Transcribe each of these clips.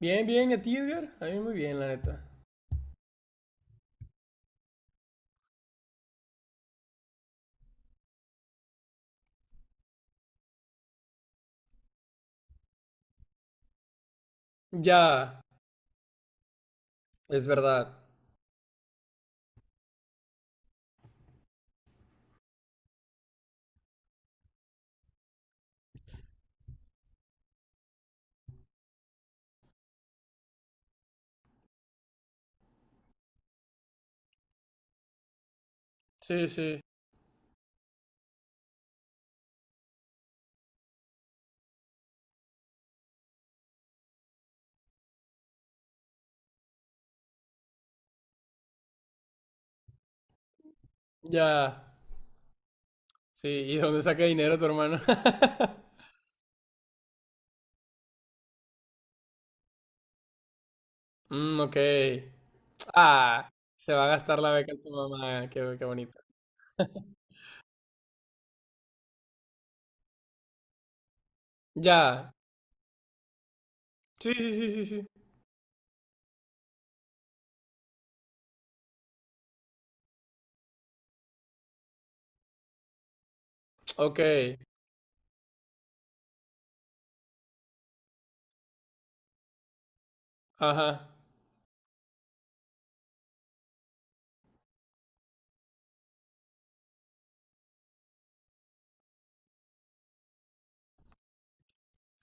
Bien, bien, ¿y a ti, Edgar? A mí muy bien, la neta. Ya, es verdad. Sí, sí, ya. Sí, ¿y de dónde saca dinero tu hermano? Mm, ok. Ah, se va a gastar la beca en su mamá. Qué, qué bonito. Ya. Sí, sí, sí, sí, sí. Ok. Ajá.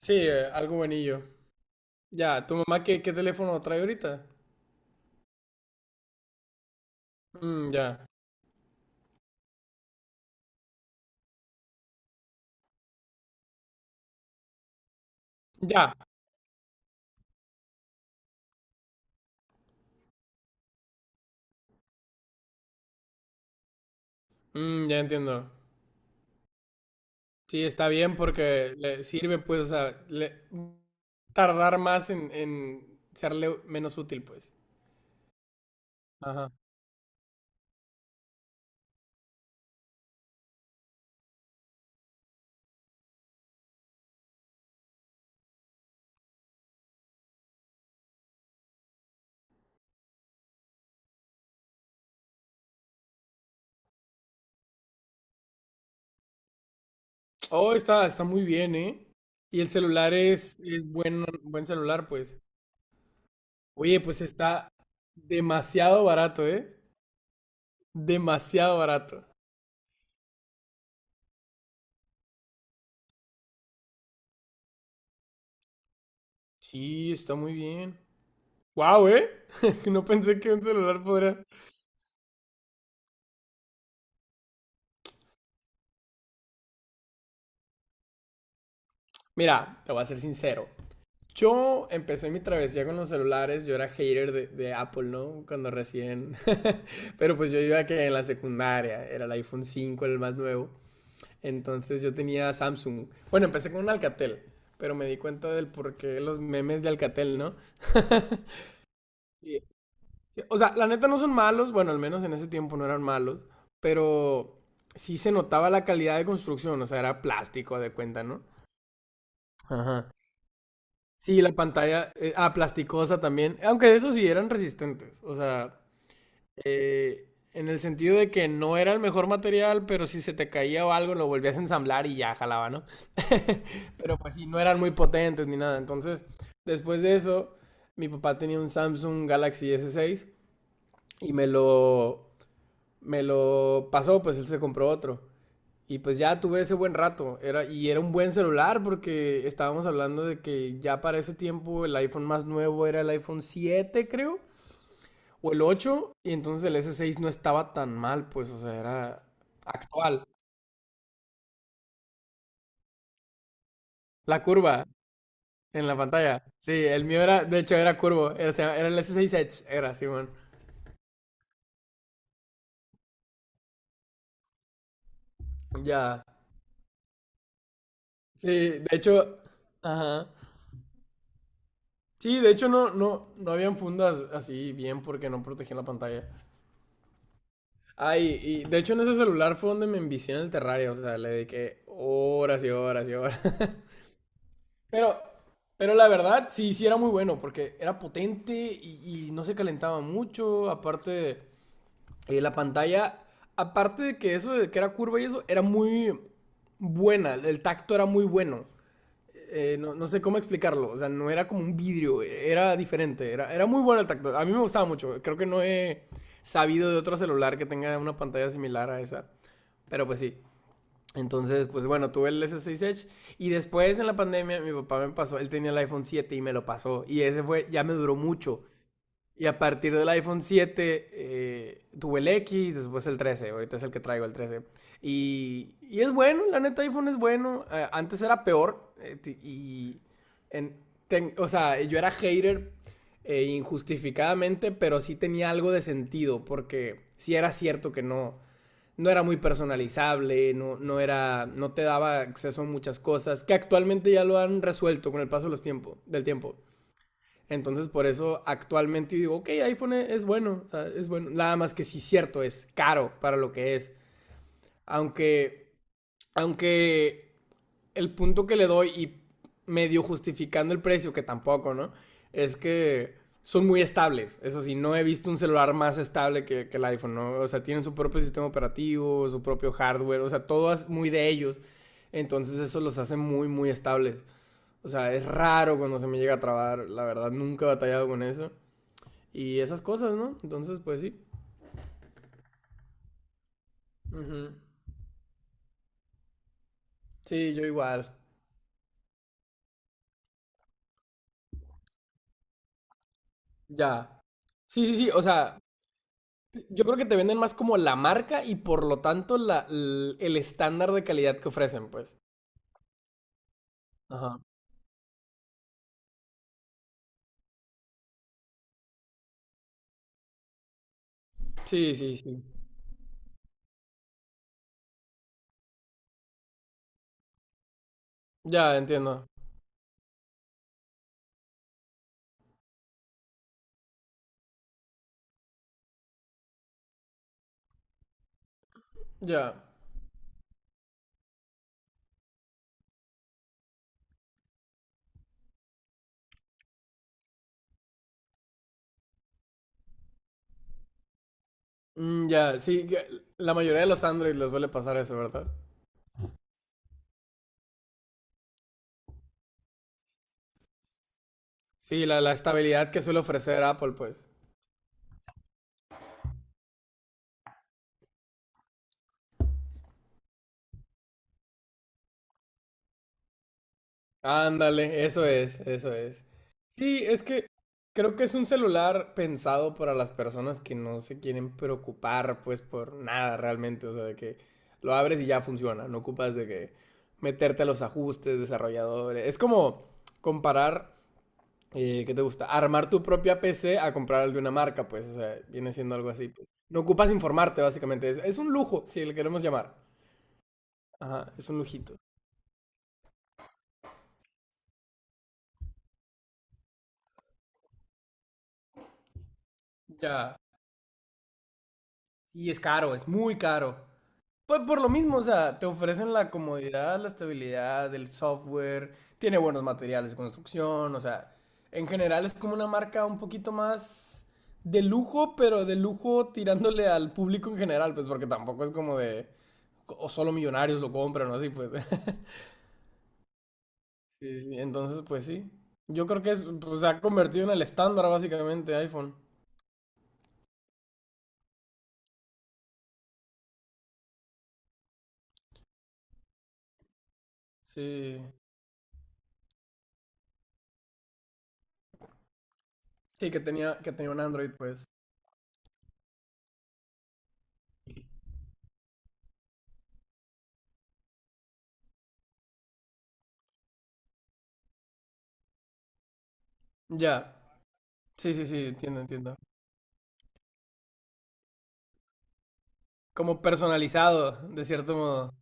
Sí, algo buenillo. Ya, ¿tu mamá qué, qué teléfono trae ahorita? Mm, ya. Ya. Mm, ya entiendo. Sí, está bien porque le sirve, pues, o sea, le tardar más en serle menos útil, pues. Ajá. Oh, está, está muy bien, ¿eh? Y el celular es buen, buen celular, pues. Oye, pues está demasiado barato, ¿eh? Demasiado barato. Sí, está muy bien. Wow, ¿eh? No pensé que un celular podría... Mira, te voy a ser sincero. Yo empecé mi travesía con los celulares, yo era hater de Apple, ¿no? Cuando recién, pero pues yo iba que en la secundaria, era el iPhone 5, el más nuevo, entonces yo tenía Samsung. Bueno, empecé con un Alcatel, pero me di cuenta del por qué los memes de Alcatel, ¿no? Y- O sea, la neta no son malos, bueno, al menos en ese tiempo no eran malos, pero sí se notaba la calidad de construcción, o sea, era plástico de cuenta, ¿no? Ajá. Sí, la pantalla, plasticosa también, aunque eso sí eran resistentes, o sea, en el sentido de que no era el mejor material, pero si se te caía o algo lo volvías a ensamblar y ya jalaba, ¿no? Pero pues sí, no eran muy potentes ni nada, entonces después de eso, mi papá tenía un Samsung Galaxy S6 y me lo pasó, pues él se compró otro. Y pues ya tuve ese buen rato. Era, y era un buen celular porque estábamos hablando de que ya para ese tiempo el iPhone más nuevo era el iPhone 7, creo, o el 8. Y entonces el S6 no estaba tan mal, pues, o sea, era actual. La curva en la pantalla. Sí, el mío era, de hecho, era curvo. Era, era el S6 Edge, era, Simón. Ya. Sí, de hecho, ajá. Sí, de hecho no, no habían fundas así bien porque no protegían la pantalla. Ay, y de hecho en ese celular fue donde me envicié en el terrario, o sea, le dediqué horas y horas y horas. Pero, pero la verdad, sí, sí era muy bueno, porque era potente y no se calentaba mucho, aparte, la pantalla, aparte de que eso, de que era curva y eso, era muy buena, el tacto era muy bueno. No, no sé cómo explicarlo, o sea, no era como un vidrio, era diferente, era, era muy bueno el tacto, a mí me gustaba mucho, creo que no he sabido de otro celular que tenga una pantalla similar a esa. Pero pues sí. Entonces, pues bueno, tuve el S6 Edge y después en la pandemia mi papá me pasó, él tenía el iPhone 7 y me lo pasó y ese fue, ya me duró mucho. Y a partir del iPhone 7 tuve el X, después el trece, ahorita es el que traigo, el trece. Y es bueno, la neta iPhone es bueno. Antes era peor, y en- o sea, yo era hater injustificadamente, pero sí tenía algo de sentido porque sí era cierto que no era muy personalizable, no era, no te daba acceso a muchas cosas que actualmente ya lo han resuelto con el paso de los tiempo. Entonces, por eso actualmente digo, ok, iPhone es bueno, o sea, es bueno. Nada más que sí, cierto, es caro para lo que es. Aunque, aunque el punto que le doy y medio justificando el precio, que tampoco, ¿no? Es que son muy estables. Eso sí, no he visto un celular más estable que el iPhone, ¿no? O sea, tienen su propio sistema operativo, su propio hardware, o sea, todo es muy de ellos. Entonces, eso los hace muy, muy estables. O sea, es raro cuando se me llega a trabar, la verdad, nunca he batallado con eso y esas cosas, ¿no? Entonces, pues sí. Ujú. Sí, yo igual. Ya. Sí, sí, sí, o sea, yo creo que te venden más como la marca y por lo tanto el estándar de calidad que ofrecen, pues. Ajá. Sí, sí, sí. Ya, entiendo. Ya. Mm, ya, sí, que la mayoría de los Android les suele pasar eso, ¿verdad? Sí, la estabilidad que suele ofrecer Apple, pues. Ándale, eso es, eso es. Sí, es que creo que es un celular pensado para las personas que no se quieren preocupar, pues, por nada realmente. O sea, de que lo abres y ya funciona. No ocupas de que meterte a los ajustes, desarrolladores. Es como comparar, ¿qué te gusta? Armar tu propia PC a comprar el de una marca, pues. O sea, viene siendo algo así, pues. No ocupas informarte, básicamente. Es un lujo, si le queremos llamar. Ajá, es un lujito. Ya. Y es caro, es muy caro. Pues por lo mismo, o sea, te ofrecen la comodidad, la estabilidad, el software, tiene buenos materiales de construcción, o sea, en general es como una marca un poquito más de lujo, pero de lujo tirándole al público en general, pues porque tampoco es como de, o solo millonarios lo compran o así, pues. Sí, sí, entonces, pues sí. Yo creo que es, pues, se ha convertido en el estándar básicamente iPhone. Sí. Sí, que tenía un Android, pues. Ya. Sí, sí, sí, entiendo, entiendo. Como personalizado, de cierto modo.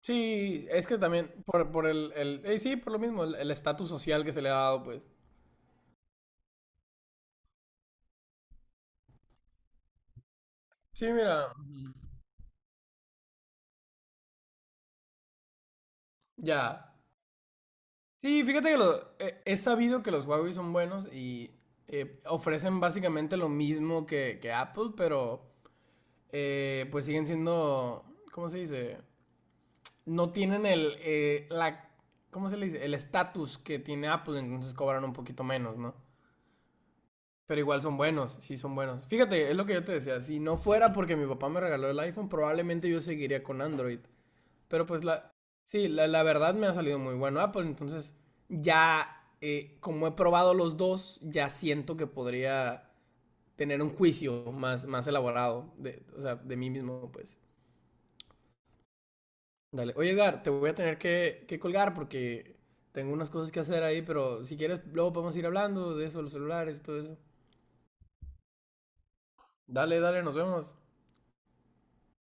Sí, es que también por el sí, por lo mismo, el estatus social que se le ha dado, pues. Sí, mira, ya. Sí, fíjate que lo, he sabido que los Huawei son buenos y ofrecen básicamente lo mismo que Apple, pero pues siguen siendo, ¿cómo se dice? No tienen el, ¿cómo se le dice? El estatus que tiene Apple, entonces cobran un poquito menos, ¿no? Pero igual son buenos, sí son buenos. Fíjate, es lo que yo te decía, si no fuera porque mi papá me regaló el iPhone, probablemente yo seguiría con Android. Pero pues la, sí, la verdad me ha salido muy bueno Apple, entonces ya como he probado los dos, ya siento que podría tener un juicio más, más elaborado, de, o sea, de mí mismo, pues. Dale. Oye, Edgar, te voy a tener que colgar porque tengo unas cosas que hacer ahí, pero si quieres, luego podemos ir hablando de eso, los celulares y todo eso. Dale, dale, nos vemos.